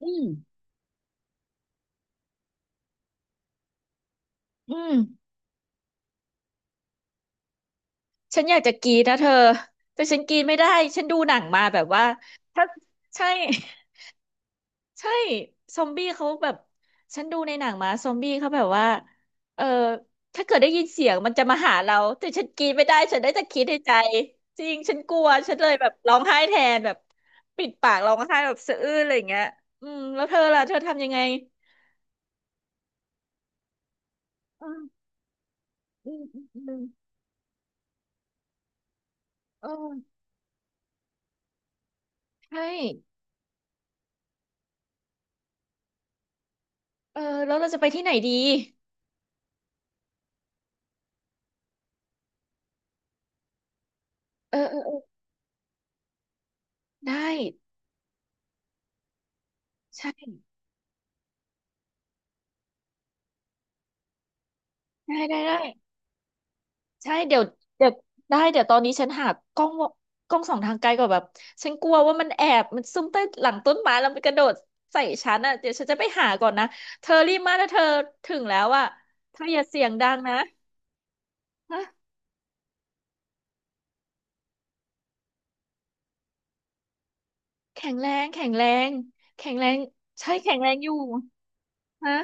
อืมอืมฉันอยากจะกรีดนะเธอแต่ฉันกรีดไม่ได้ฉันดูหนังมาแบบว่าถ้าใช่ใช่ซอมบี้เขาแบบฉันดูในหนังมาซอมบี้เขาแบบว่าเออถ้าเกิดได้ยินเสียงมันจะมาหาเราแต่ฉันกรีดไม่ได้ฉันได้แต่คิดในใจจริงฉันกลัวฉันเลยแบบร้องไห้แทนแบบปิดปากร้องไห้แบบสะอื้นอะไรอย่างเงี้ยอืมแล้วเธอล่ะเธอทำยังไงอืมอืมเออใช่เออแล้วเราจะไปที่ไหนดีเออ ได้ใช่ได้ใช่เดี๋ยวเดี๋ยวได้เดี๋ยวตอนนี้ฉันหากล้องวกล้องส่องทางไกลก่อนแบบฉันกลัวว่ามันแอบมันซุ่มใต้หลังต้นไม้แล้วมันกระโดดใส่ฉันอ่ะเดี๋ยวฉันจะไปหาก่อนนะเธอรีบมาถ้าเธอถึงแล้วอ่ะเธออย่าเสียงดังนะฮะแข็งแรงแข็งแรงแข็งแรงใช่แข็งแรงอยู่ฮะ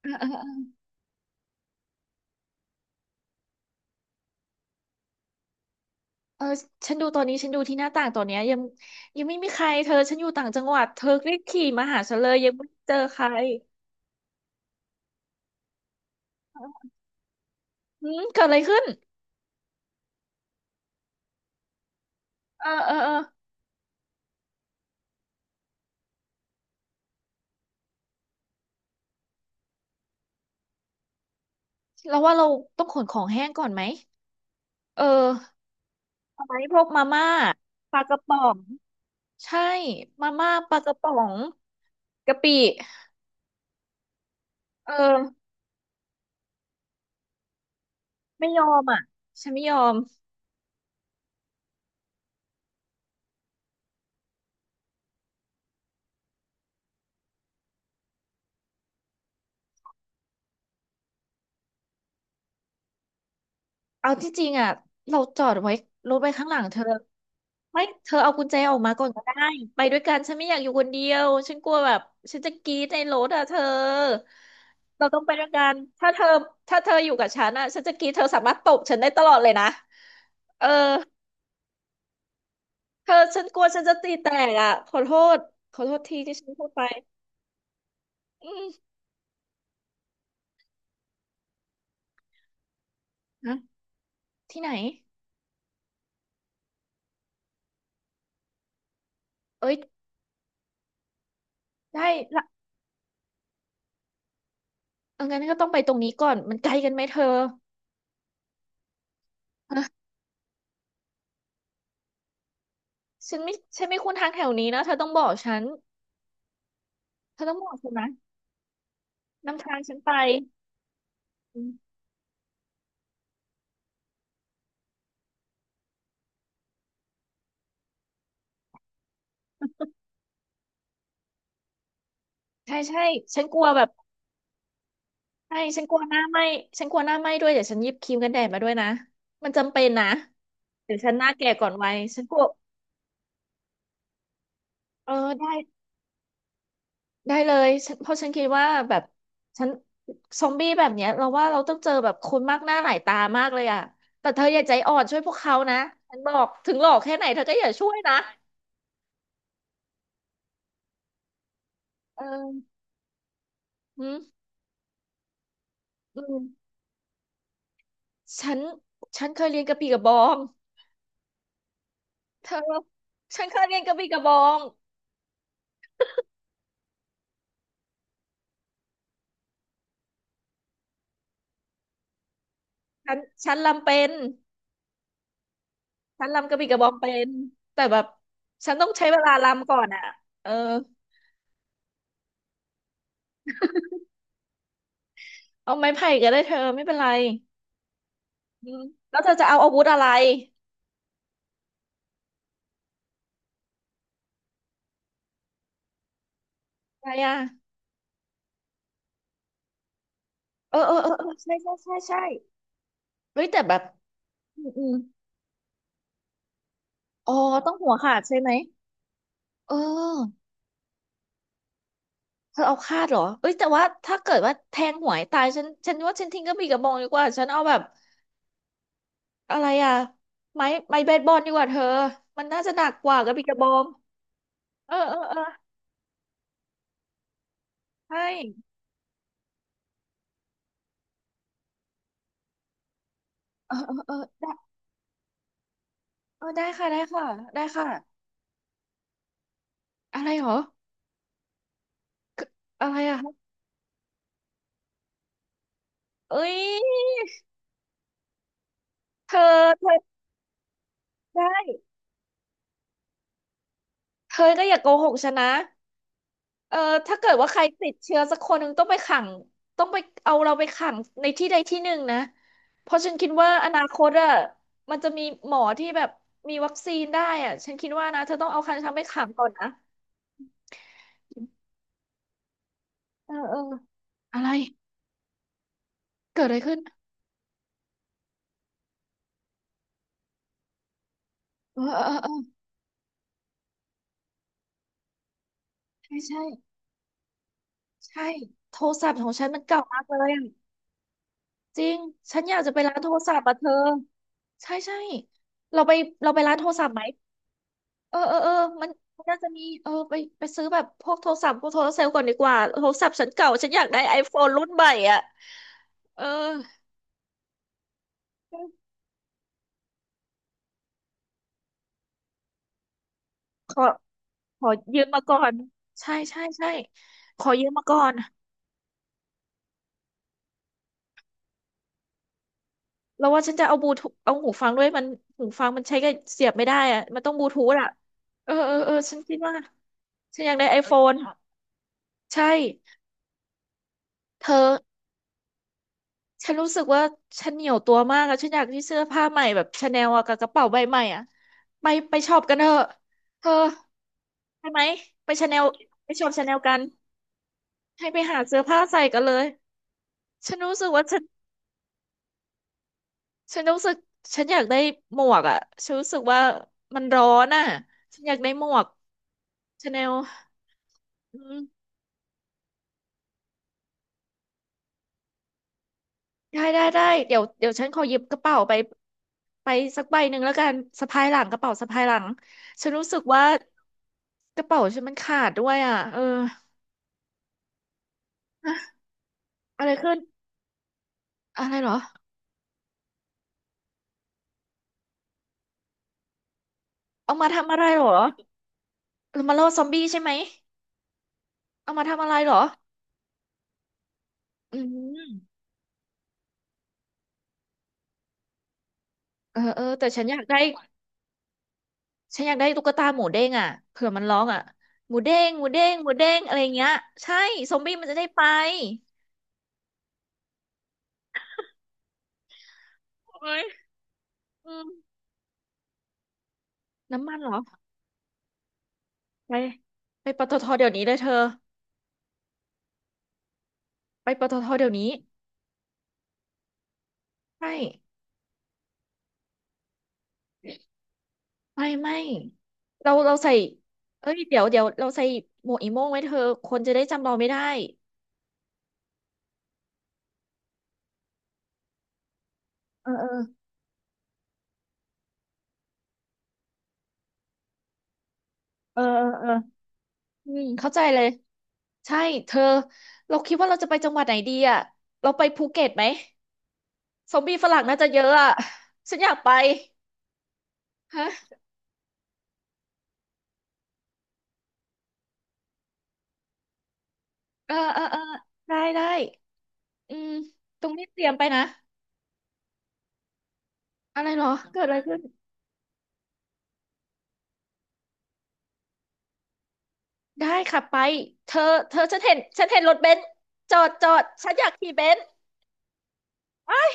เออเออเออเออฉันดูตอนนี้ฉันดูที่หน้าต่างตอนเนี้ยยังไม่มีใครเธอฉันอยู่ต่างจังหวัดเธอรีบขี่มาหาฉันเลยยังไม่เจอใคร อืมเกิดอะไรขึ้น เออเราว่าเราต้องขนของแห้งก่อนไหม เออเอาไมพวกมาม่าปลากระป๋องใช่มาม่าปลากระป๋องกะปิเออ ไม่ยอมอ่ะฉันไม่ยอม เอาที่จริงอ่ะเราจอดไว้รถไว้ข้างหลังเธอ ไม่เธอเอากุญแจออกมาก่อนก็ได้ไปด้วยกันฉันไม่อยากอยู่คนเดียวฉันกลัวแบบฉันจะกรี๊ดในรถอ่ะเธอเราต้องไปด้วยกันถ้าเธอถ้าเธออยู่กับฉันอ่ะฉันจะกรี๊ดเธอสามารถตบฉันได้ตลอดเลยนะเออเธอฉันกลัวฉันจะตีแตกอ่ะษขอโทษทีที่ฉันพูดไปอืมฮะที่ไหนเอ้ยได้ละเอางั้นก็ต้องไปตรงนี้ก่อนมันไกลกันไหมเธอฉันไม่คุ้นทางแถวนี้นะเธอต้องบอกฉันเธอต้องบอกฉันนะนำทางฉันไป ใช่ใช่ฉันกลัวแบบใช่ฉันกลัวหน้าไหม้ฉันกลัวหน้าไหม้ด้วยเดี๋ยวฉันหยิบครีมกันแดดมาด้วยนะมันจำเป็นนะเดี๋ยวฉันหน้าแก่ก่อนวัยฉันกลัวเออได้ได้เลยฉันเพราะฉันคิดว่าแบบฉันซอมบี้แบบเนี้ยเราว่าเราต้องเจอแบบคนมากหน้าหลายตามากเลยอ่ะแต่เธออย่าใจอ่อนช่วยพวกเขานะฉันบอกถึงหลอกแค่ไหนเธอก็อย่าช่วยนะเอออืมอืมฉันฉันเคยเรียนกระบี่กระบองเธอฉันเคยเรียนกระบี่กระบองฉันฉันลำเป็น ฉันรำกระบี่กระบองเป็นแต่แบบฉันต้องใช้เวลารำก่อนอ่ะเออเอาไม้ไผ่ก็ได้เธอไม่เป็นไรอืมแล้วเธอจะเอาอาวุธอะไรอะไรอ่ะเออใช่เฮ้ยแต่แบบอืมอมอ๋อต้องหัวขาดใช่ไหมเออเธอเอาคาดเหรอเอ้ยแต่ว่าถ้าเกิดว่าแทงหวยตายฉันว่าฉันทิ้งกระบี่กระบองดีกว่าฉันเอาแบบอะไรอ่ะไม้เบสบอลดีกว่าเธอมันน่าจะหนักกว่ากระบี่กระบองเออใช่เออ เออได้ค่ะอะไรเหรออะไรอะคะเอ้ยเธอเธอได้เธอก็อย่าโกหกฉันนะเออถ้าเกิดว่าใครติดเชื้อสักคนหนึ่งต้องไปขังต้องไปเอาเราไปขังในที่ใดที่หนึ่งนะเพราะฉันคิดว่าอนาคตอะมันจะมีหมอที่แบบมีวัคซีนได้อะฉันคิดว่านะเธอต้องเอาคันฉันไปขังก่อนนะเอออะไรเกิดอะไรขึ้นเออใช่ใช่ใช่โทรศัพท์ของฉันมันเก่ามากเลยอะ จริง ฉันอยากจะไปร้านโทรศัพท์อ่ะเธอใช่ใช่เราไปเราไปร้านโทรศัพท์ไหม เออมันมันน่าจะมีไปไปซื้อแบบพวกโทรศัพท์พวกโทรเซลล์ก่อนดีกว่าโทรศัพท์ฉันเก่าฉันอยากได้ไอโฟนรุ่นใหม่อ่ะเออขอขอยืมมาก่อน ใช่ขอยืมมาก่อน แล้วว่าฉันจะเอาบลูทูธเอาหูฟังด้วยมันหูฟังมันใช้กับเสียบไม่ได้อ่ะมันต้องบลูทูธอ่ะเออฉันคิดว่าฉันอยากได้ไอโฟนใช่เธอ ฉันรู้สึกว่าฉันเหนียวตัวมากอะฉันอยากที่เสื้อผ้าใหม่แบบชาแนลอะกับกระเป๋าใบใหม่อะไปช็อปกันเถอะเธอไปไหมไปชาแนลไปช็อปชาแนลกันให้ไปหาเสื้อผ้าใส่กันเลยฉันรู้สึกว่าฉันฉันรู้สึกฉันอยากได้หมวกอะฉันรู้สึกว่ามันร้อนอะฉันอยากได้หมวกชาแนลอืมได้เดี๋ยวฉันขอหยิบกระเป๋าไปไปสักใบหนึ่งแล้วกันสะพายหลังกระเป๋าสะพายหลังฉันรู้สึกว่า กระเป๋าฉันมันขาดด้วยอ่ะเอออะไรขึ้นอะไรเหรอเอามาทำอะไรเหรอเอามาล่อซอมบี้ใช่ไหมเอามาทำอะไรเหรออืมเออแต่ฉันอยากได้ตุ๊กตาหมูเด้งอ่ะเผื่อมันร้องอ่ะหมูเด้งอะไรเงี้ยใช่ซอมบี้มันจะได้ไปเฮ้ยอืมน้ำมันเหรอไปไปปตทเดี๋ยวนี้เลยเธอไปปตทเดี๋ยวนี้ไม่ไม่เราใส่เอ้ยเดี๋ยวเราใส่หมวกอีโม่งไว้เธอคนจะได้จำเราไม่ได้ เออเออเอออืมเข้าใจเลยใช่เธอเราคิดว่าเราจะไปจังหวัดไหนดีอ่ะเราไปภูเก็ตไหมซอมบี้ฝรั่งน่าจะเยอะอ่ะฉันอยากไปฮะเออได้อืมตรงนี้เตรียมไปนะอะไรเหรอเกิดอะไรขึ้นได้ค่ะไปเธอเธอฉันเห็นรถเบนซ์จอดฉันอยากขี่เบนซ์ไอ้าย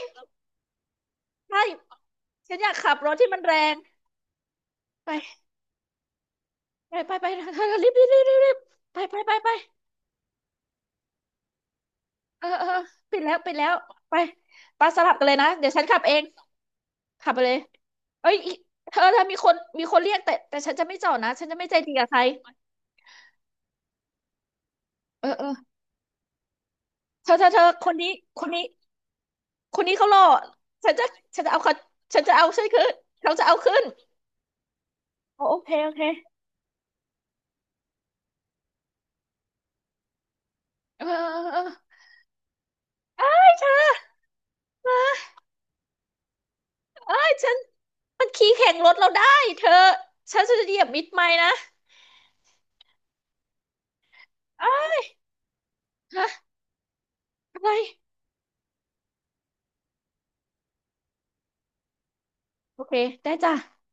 ใช่ฉันอยากขับรถที่มันแรงไปไปเธอรีบไป เออปิดแล้วไปปาสลับกันเลยนะเดี๋ยวฉันขับเองขับไปเลยเอ้ยอีเธอมีคนเรียกแต่ฉันจะไม่จอดนะฉันจะไม่ใจดีกับใครเออเธอคนนี้คนนี้คนนี้เขารอฉันจะฉันจะเอาเขาฉันจะเอาฉันขึ้นเขาจะเอาขึ้นโอเคโอเคเออเออเธอเอ้ยฉันมันขี่แข่งรถเราได้เธอฉันจะเหยียบมิดไม้นะอ้าฮะอะไรโอเคได้จ้ะ